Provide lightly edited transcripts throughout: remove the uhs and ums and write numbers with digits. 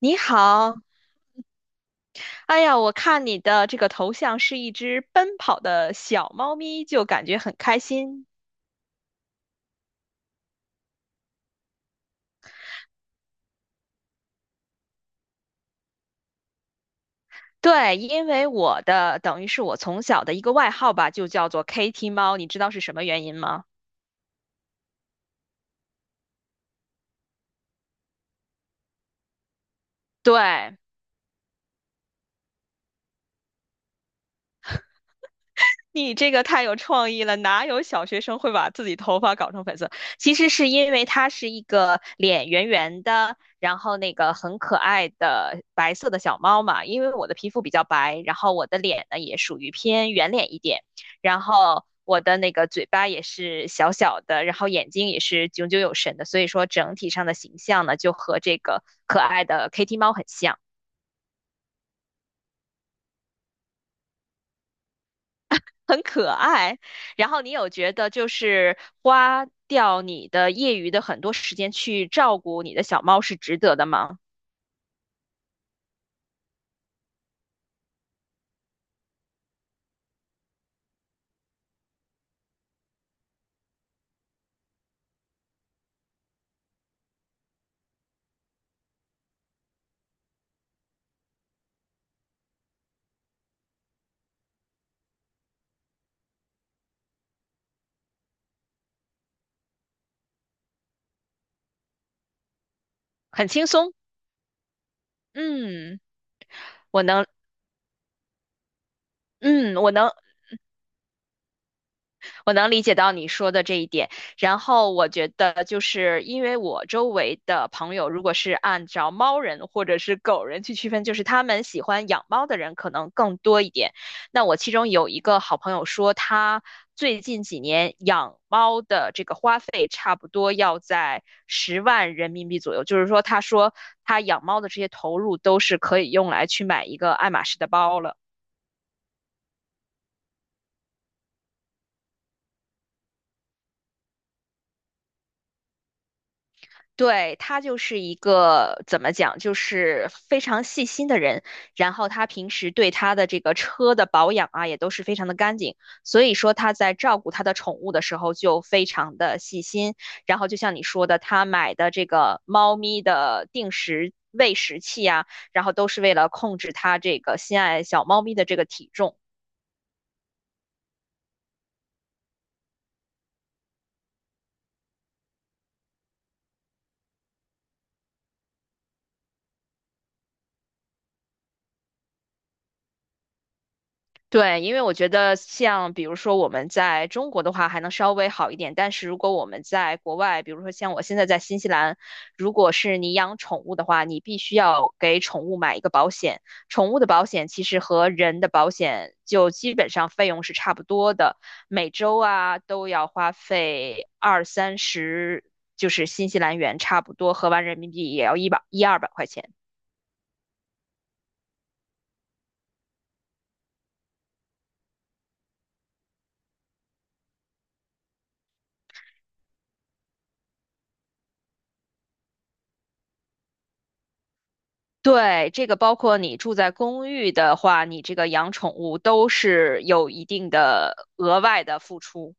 你好，哎呀，我看你的这个头像是一只奔跑的小猫咪，就感觉很开心。对，因为我的等于是我从小的一个外号吧，就叫做 Kitty 猫，你知道是什么原因吗？对，你这个太有创意了，哪有小学生会把自己头发搞成粉色？其实是因为它是一个脸圆圆的，然后那个很可爱的白色的小猫嘛。因为我的皮肤比较白，然后我的脸呢也属于偏圆脸一点，然后我的那个嘴巴也是小小的，然后眼睛也是炯炯有神的，所以说整体上的形象呢就和这个可爱的 Kitty 猫很像。很可爱。然后你有觉得就是花掉你的业余的很多时间去照顾你的小猫是值得的吗？很轻松。嗯，我能，嗯，我能，我能理解到你说的这一点。然后我觉得，就是因为我周围的朋友，如果是按照猫人或者是狗人去区分，就是他们喜欢养猫的人可能更多一点。那我其中有一个好朋友说，他最近几年养猫的这个花费差不多要在10万人民币左右，就是说，他说他养猫的这些投入都是可以用来去买一个爱马仕的包了。对，他就是一个怎么讲，就是非常细心的人。然后他平时对他的这个车的保养啊，也都是非常的干净。所以说他在照顾他的宠物的时候就非常的细心。然后就像你说的，他买的这个猫咪的定时喂食器啊，然后都是为了控制他这个心爱小猫咪的这个体重。对，因为我觉得像比如说我们在中国的话还能稍微好一点，但是如果我们在国外，比如说像我现在在新西兰，如果是你养宠物的话，你必须要给宠物买一个保险。宠物的保险其实和人的保险就基本上费用是差不多的，每周啊都要花费二三十，就是新西兰元差不多，合完人民币也要100、200块钱。对，这个包括你住在公寓的话，你这个养宠物都是有一定的额外的付出。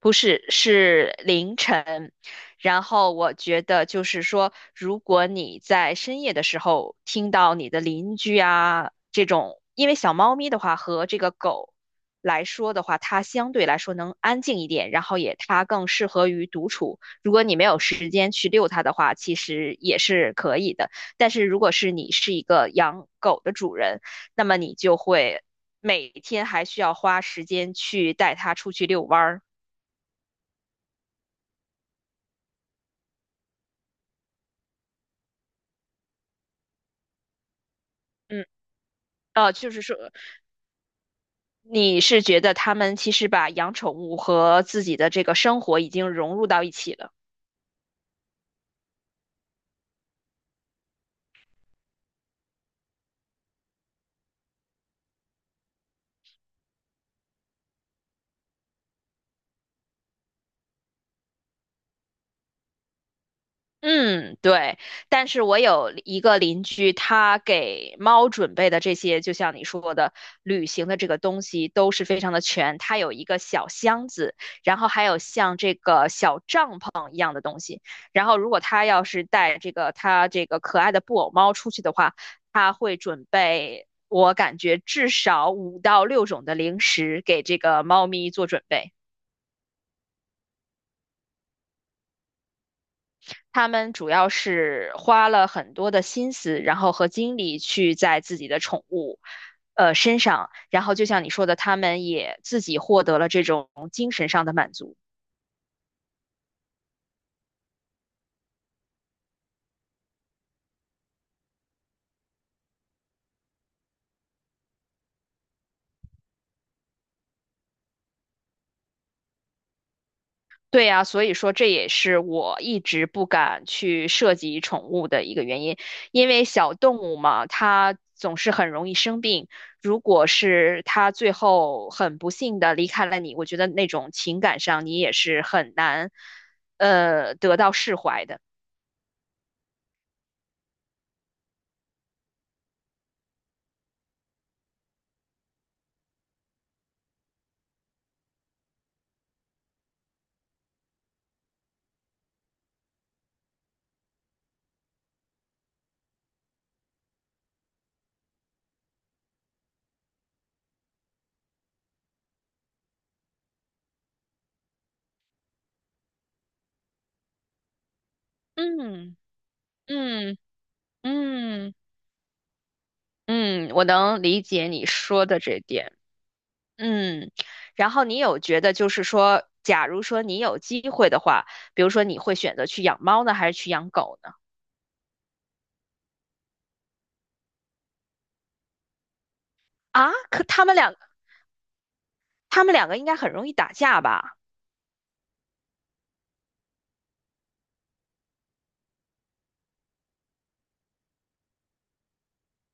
不是，是凌晨。然后我觉得就是说，如果你在深夜的时候听到你的邻居啊这种，因为小猫咪的话和这个狗来说的话，它相对来说能安静一点，然后也它更适合于独处。如果你没有时间去遛它的话，其实也是可以的。但是如果是你是一个养狗的主人，那么你就会每天还需要花时间去带它出去遛弯儿。嗯。就是说，你是觉得他们其实把养宠物和自己的这个生活已经融入到一起了。嗯，对。但是我有一个邻居，他给猫准备的这些，就像你说的，旅行的这个东西都是非常的全。他有一个小箱子，然后还有像这个小帐篷。然后如果他要是带这个他这个可爱的布偶猫出去的话，他会准备我感觉至少5到6种的零食给这个猫咪做准备。他们主要是花了很多的心思，然后和精力去在自己的宠物，身上，然后就像你说的，他们也自己获得了这种精神上的满足。对呀，所以说这也是我一直不敢去涉及宠物的一个原因，因为小动物嘛，它总是很容易生病。如果是它最后很不幸的离开了你，我觉得那种情感上你也是很难，得到释怀的。嗯。嗯。嗯。嗯，我能理解你说的这点。嗯，然后你有觉得就是说，假如说你有机会的话，比如说你会选择去养猫呢，还是去养狗呢？啊，可他们两，他们两个应该很容易打架吧？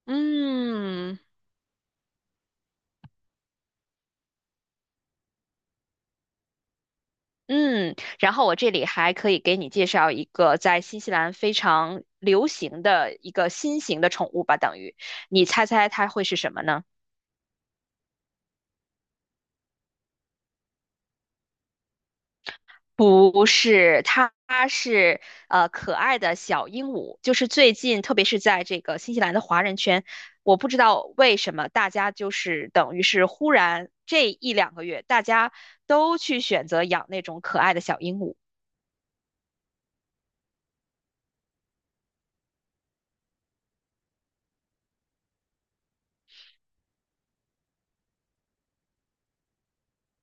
嗯。嗯，然后我这里还可以给你介绍一个在新西兰非常流行的一个新型的宠物吧，等于你猜猜它会是什么呢？不是，它是可爱的小鹦鹉，就是最近特别是在这个新西兰的华人圈，我不知道为什么大家就是等于是忽然这1、2个月，大家都去选择养那种可爱的小鹦鹉。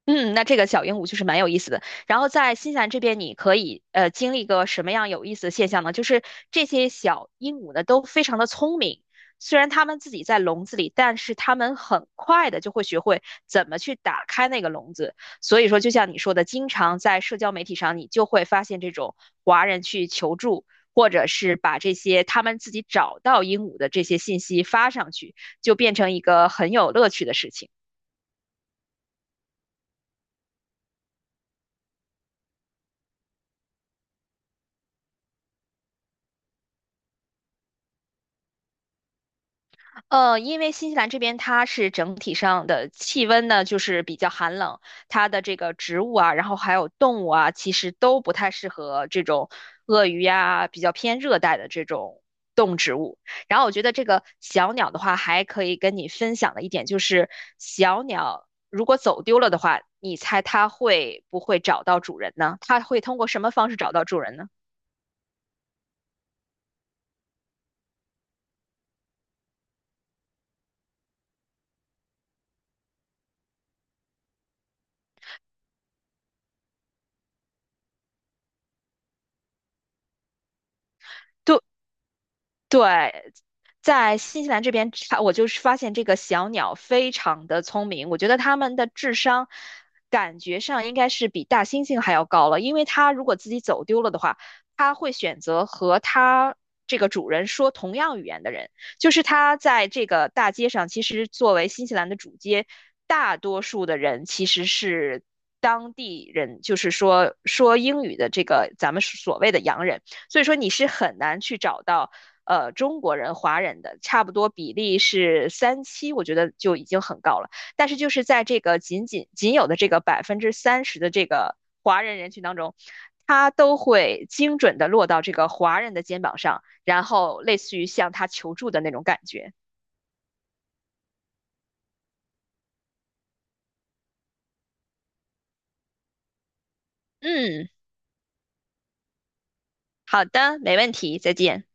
嗯，那这个小鹦鹉就是蛮有意思的。然后在新西兰这边，你可以经历一个什么样有意思的现象呢？就是这些小鹦鹉呢都非常的聪明，虽然它们自己在笼子里，但是它们很快的就会学会怎么去打开那个笼子。所以说，就像你说的，经常在社交媒体上，你就会发现这种华人去求助，或者是把这些他们自己找到鹦鹉的这些信息发上去，就变成一个很有乐趣的事情。因为新西兰这边它是整体上的气温呢，就是比较寒冷，它的这个植物啊，然后还有动物啊，其实都不太适合这种鳄鱼呀、比较偏热带的这种动植物。然后我觉得这个小鸟的话，还可以跟你分享的一点就是，小鸟如果走丢了的话，你猜它会不会找到主人呢？它会通过什么方式找到主人呢？对，在新西兰这边，我就是发现这个小鸟非常的聪明，我觉得它们的智商感觉上应该是比大猩猩还要高了，因为它如果自己走丢了的话，它会选择和它这个主人说同样语言的人，就是它在这个大街上，其实作为新西兰的主街，大多数的人其实是。当地人就是说英语的这个咱们所谓的洋人，所以说你是很难去找到。中国人、华人的，差不多比例是3:7，我觉得就已经很高了。但是就是在这个仅仅有的这个30%的这个华人人群当中，他都会精准的落到这个华人的肩膀上，然后类似于向他求助的那种感觉。嗯，好的，没问题，再见。